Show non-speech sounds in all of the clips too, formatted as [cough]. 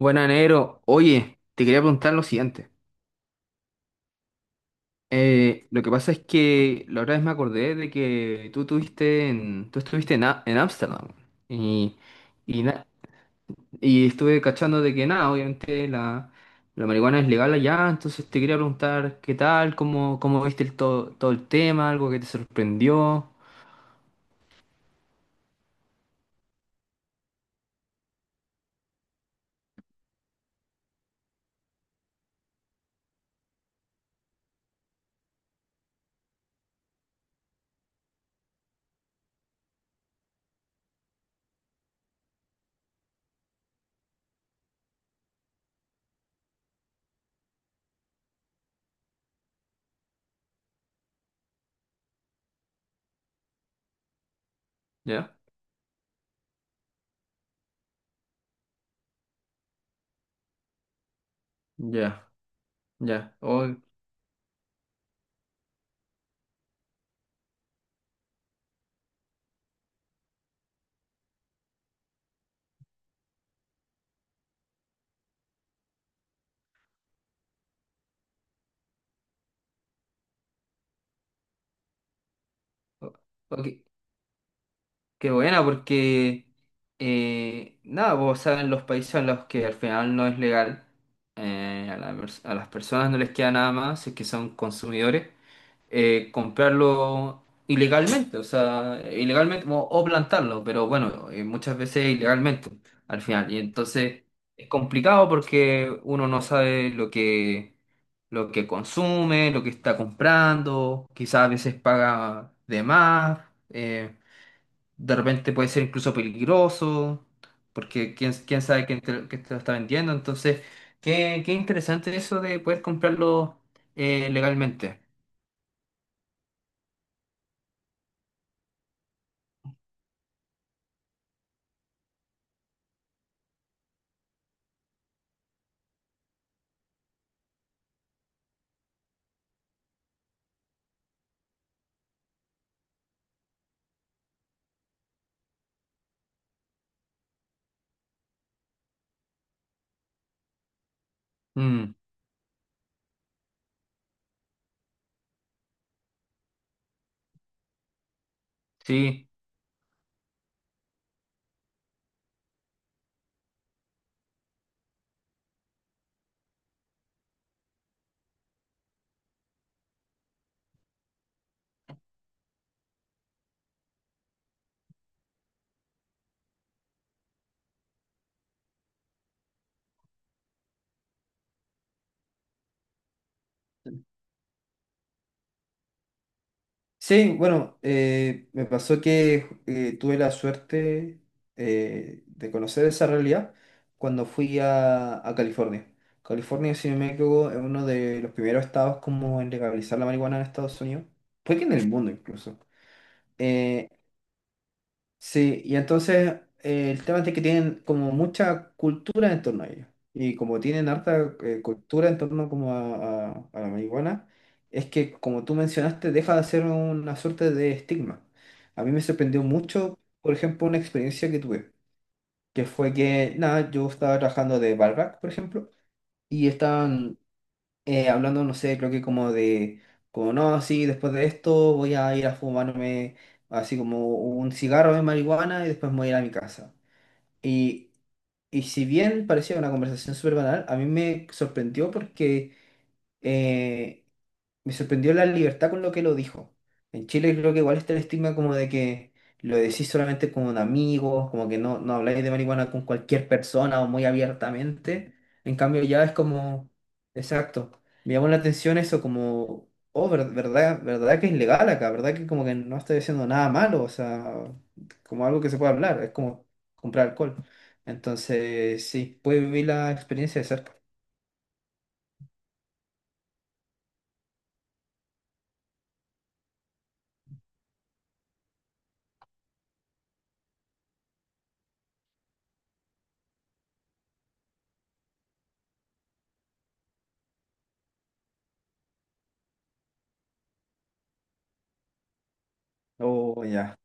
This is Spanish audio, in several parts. Buena, negro. Oye, te quería preguntar lo siguiente. Lo que pasa es que la otra vez me acordé de que tú estuviste en en Ámsterdam. Y, y, na- y estuve cachando de que nada, obviamente la marihuana es legal allá, entonces te quería preguntar qué tal, cómo viste todo el tema, algo que te sorprendió. Ya, ya, ya. O- ok. Qué buena, porque nada, pues, vos sabes en los países en los que al final no es legal, a las personas no les queda nada más, si es que son consumidores, comprarlo ilegalmente, o sea, ilegalmente o plantarlo, pero bueno, muchas veces ilegalmente al final. Y entonces es complicado porque uno no sabe lo que consume, lo que está comprando, quizás a veces paga de más. Eh, de repente puede ser incluso peligroso, porque quién sabe quién te lo está vendiendo. Entonces, qué interesante eso de poder comprarlo legalmente. Mm, sí. Sí, bueno, me pasó que tuve la suerte de conocer esa realidad cuando fui a California. California, si no me equivoco, es uno de los primeros estados como en legalizar la marihuana en Estados Unidos. Fue que en el mundo incluso. Eh, Sí, y entonces el tema es de que tienen como mucha cultura en torno a ello. Y como tienen harta cultura en torno como a la marihuana, es que como tú mencionaste, deja de ser una suerte de estigma. A mí me sorprendió mucho, por ejemplo, una experiencia que tuve, que fue que, nada, yo estaba trabajando de barback, por ejemplo, y estaban hablando, no sé, creo que como como no, sí, después de esto voy a ir a fumarme así como un cigarro de marihuana y después me voy a ir a mi casa. Y, y si bien parecía una conversación súper banal, a mí me sorprendió porque eh, me sorprendió la libertad con lo que lo dijo. En Chile creo que igual está el estigma como de que lo decís solamente con amigos, como que no habláis de marihuana con cualquier persona o muy abiertamente. En cambio ya es como, exacto, me llamó la atención eso como, oh, verdad, verdad que es legal acá, verdad que como que no estoy diciendo nada malo, o sea, como algo que se puede hablar, es como comprar alcohol. Entonces, sí, puede vivir la experiencia de cerca. Oh, ya.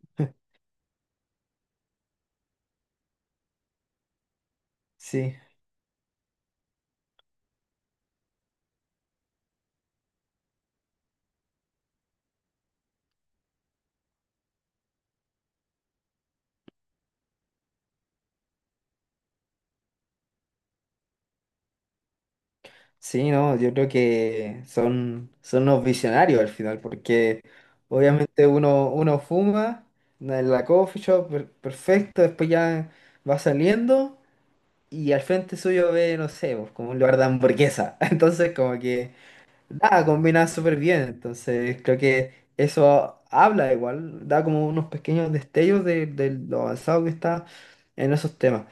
[laughs] Sí. Sí, no, yo creo que son unos visionarios al final, porque obviamente uno fuma en la coffee shop, perfecto, después ya va saliendo y al frente suyo ve, no sé, pues, como un lugar de hamburguesa. [laughs] Entonces como que nada, combina súper bien, entonces creo que eso habla igual, da como unos pequeños destellos de lo avanzado que está en esos temas.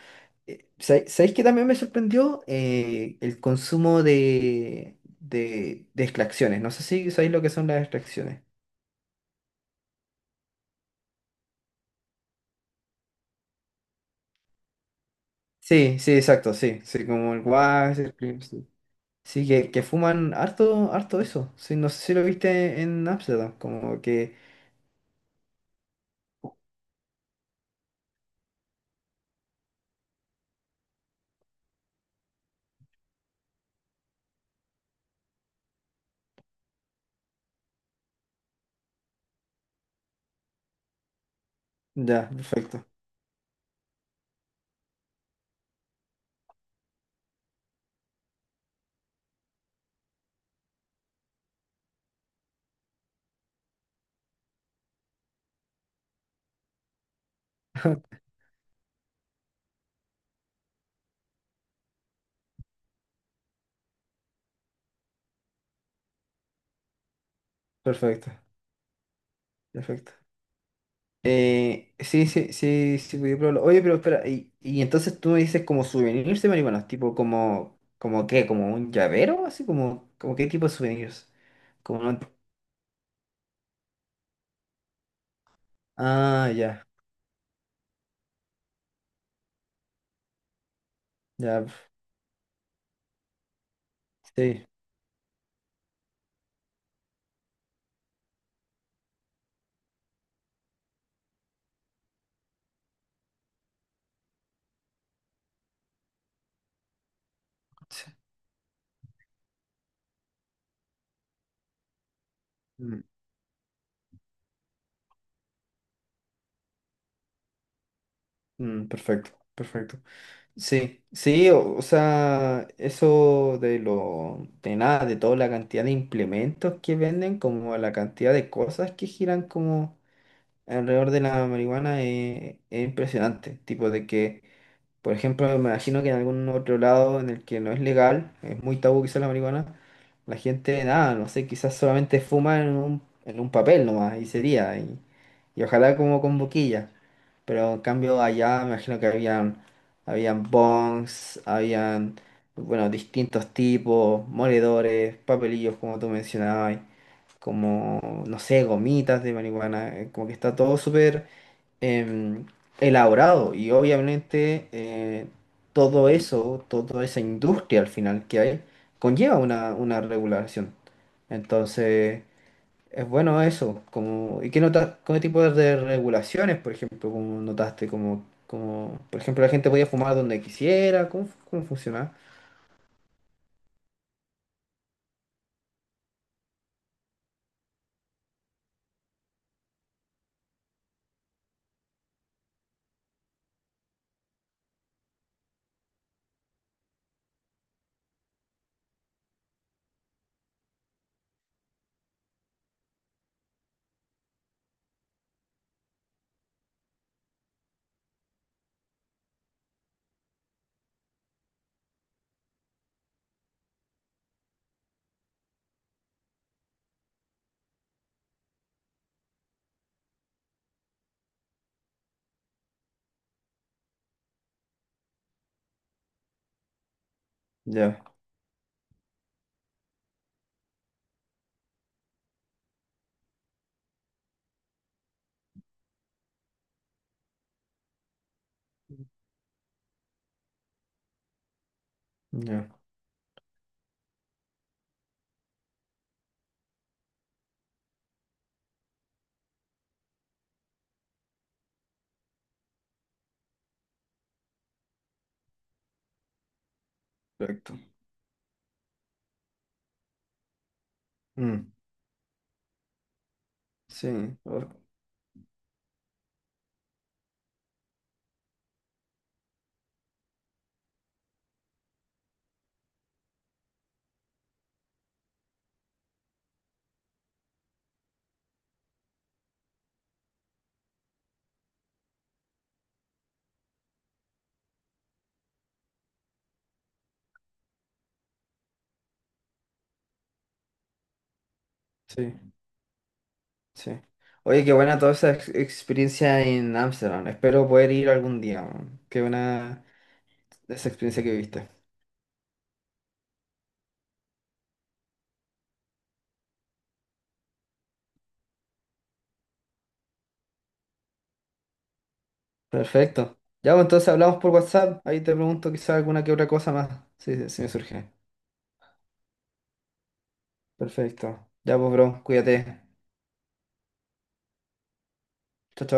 ¿Sabéis que también me sorprendió eh, el consumo de extracciones? No sé si sabéis lo que son las extracciones. Sí, sí, exacto, sí, sí, como el guas, el cream, sí. Sí, que fuman harto, harto eso. Sí, no sé si lo viste en Amsterdam, como que... Ya, perfecto, [laughs] perfecto, perfecto. Sí, sí, sí, sí, podía probarlo. Oye, pero espera, y entonces tú me dices como souvenirs de marihuanos, tipo como, como qué, como un llavero, así como, como qué tipo de souvenirs. Como no- Ah, ya, ya, sí, sí. Mm, mm, perfecto, perfecto. Sí, sí, o sea, eso de lo, de nada, de toda la cantidad de implementos que venden, como la cantidad de cosas que giran como alrededor de la marihuana es impresionante. Tipo de que, por ejemplo, me imagino que en algún otro lado en el que no es legal, es muy tabú quizás la marihuana, la gente, nada, no sé, quizás solamente fuma en en un papel nomás y sería, y ojalá como con boquilla. Pero en cambio allá me imagino que habían bongs, habían, bueno, distintos tipos, moledores, papelillos como tú mencionabas como, no sé, gomitas de marihuana, como que está todo súper em, elaborado y obviamente todo eso, toda esa industria al final que hay, conlleva una regulación. Entonces, es bueno eso, como, ¿y qué notas, qué tipo de regulaciones, por ejemplo, como notaste, como, como, por ejemplo, la gente podía fumar donde quisiera? ¿Cómo, cómo funciona? Ya, ya, perfecto. Mm, sí, o- sí. Sí. Oye, qué buena toda esa experiencia en Ámsterdam. Espero poder ir algún día, weón. Qué buena esa experiencia que viste. Perfecto. Ya, pues, entonces hablamos por WhatsApp. Ahí te pregunto quizá alguna que otra cosa más. Sí, sí, sí me surge. Perfecto. Ya, pues, bro, cuídate. Chao, chao.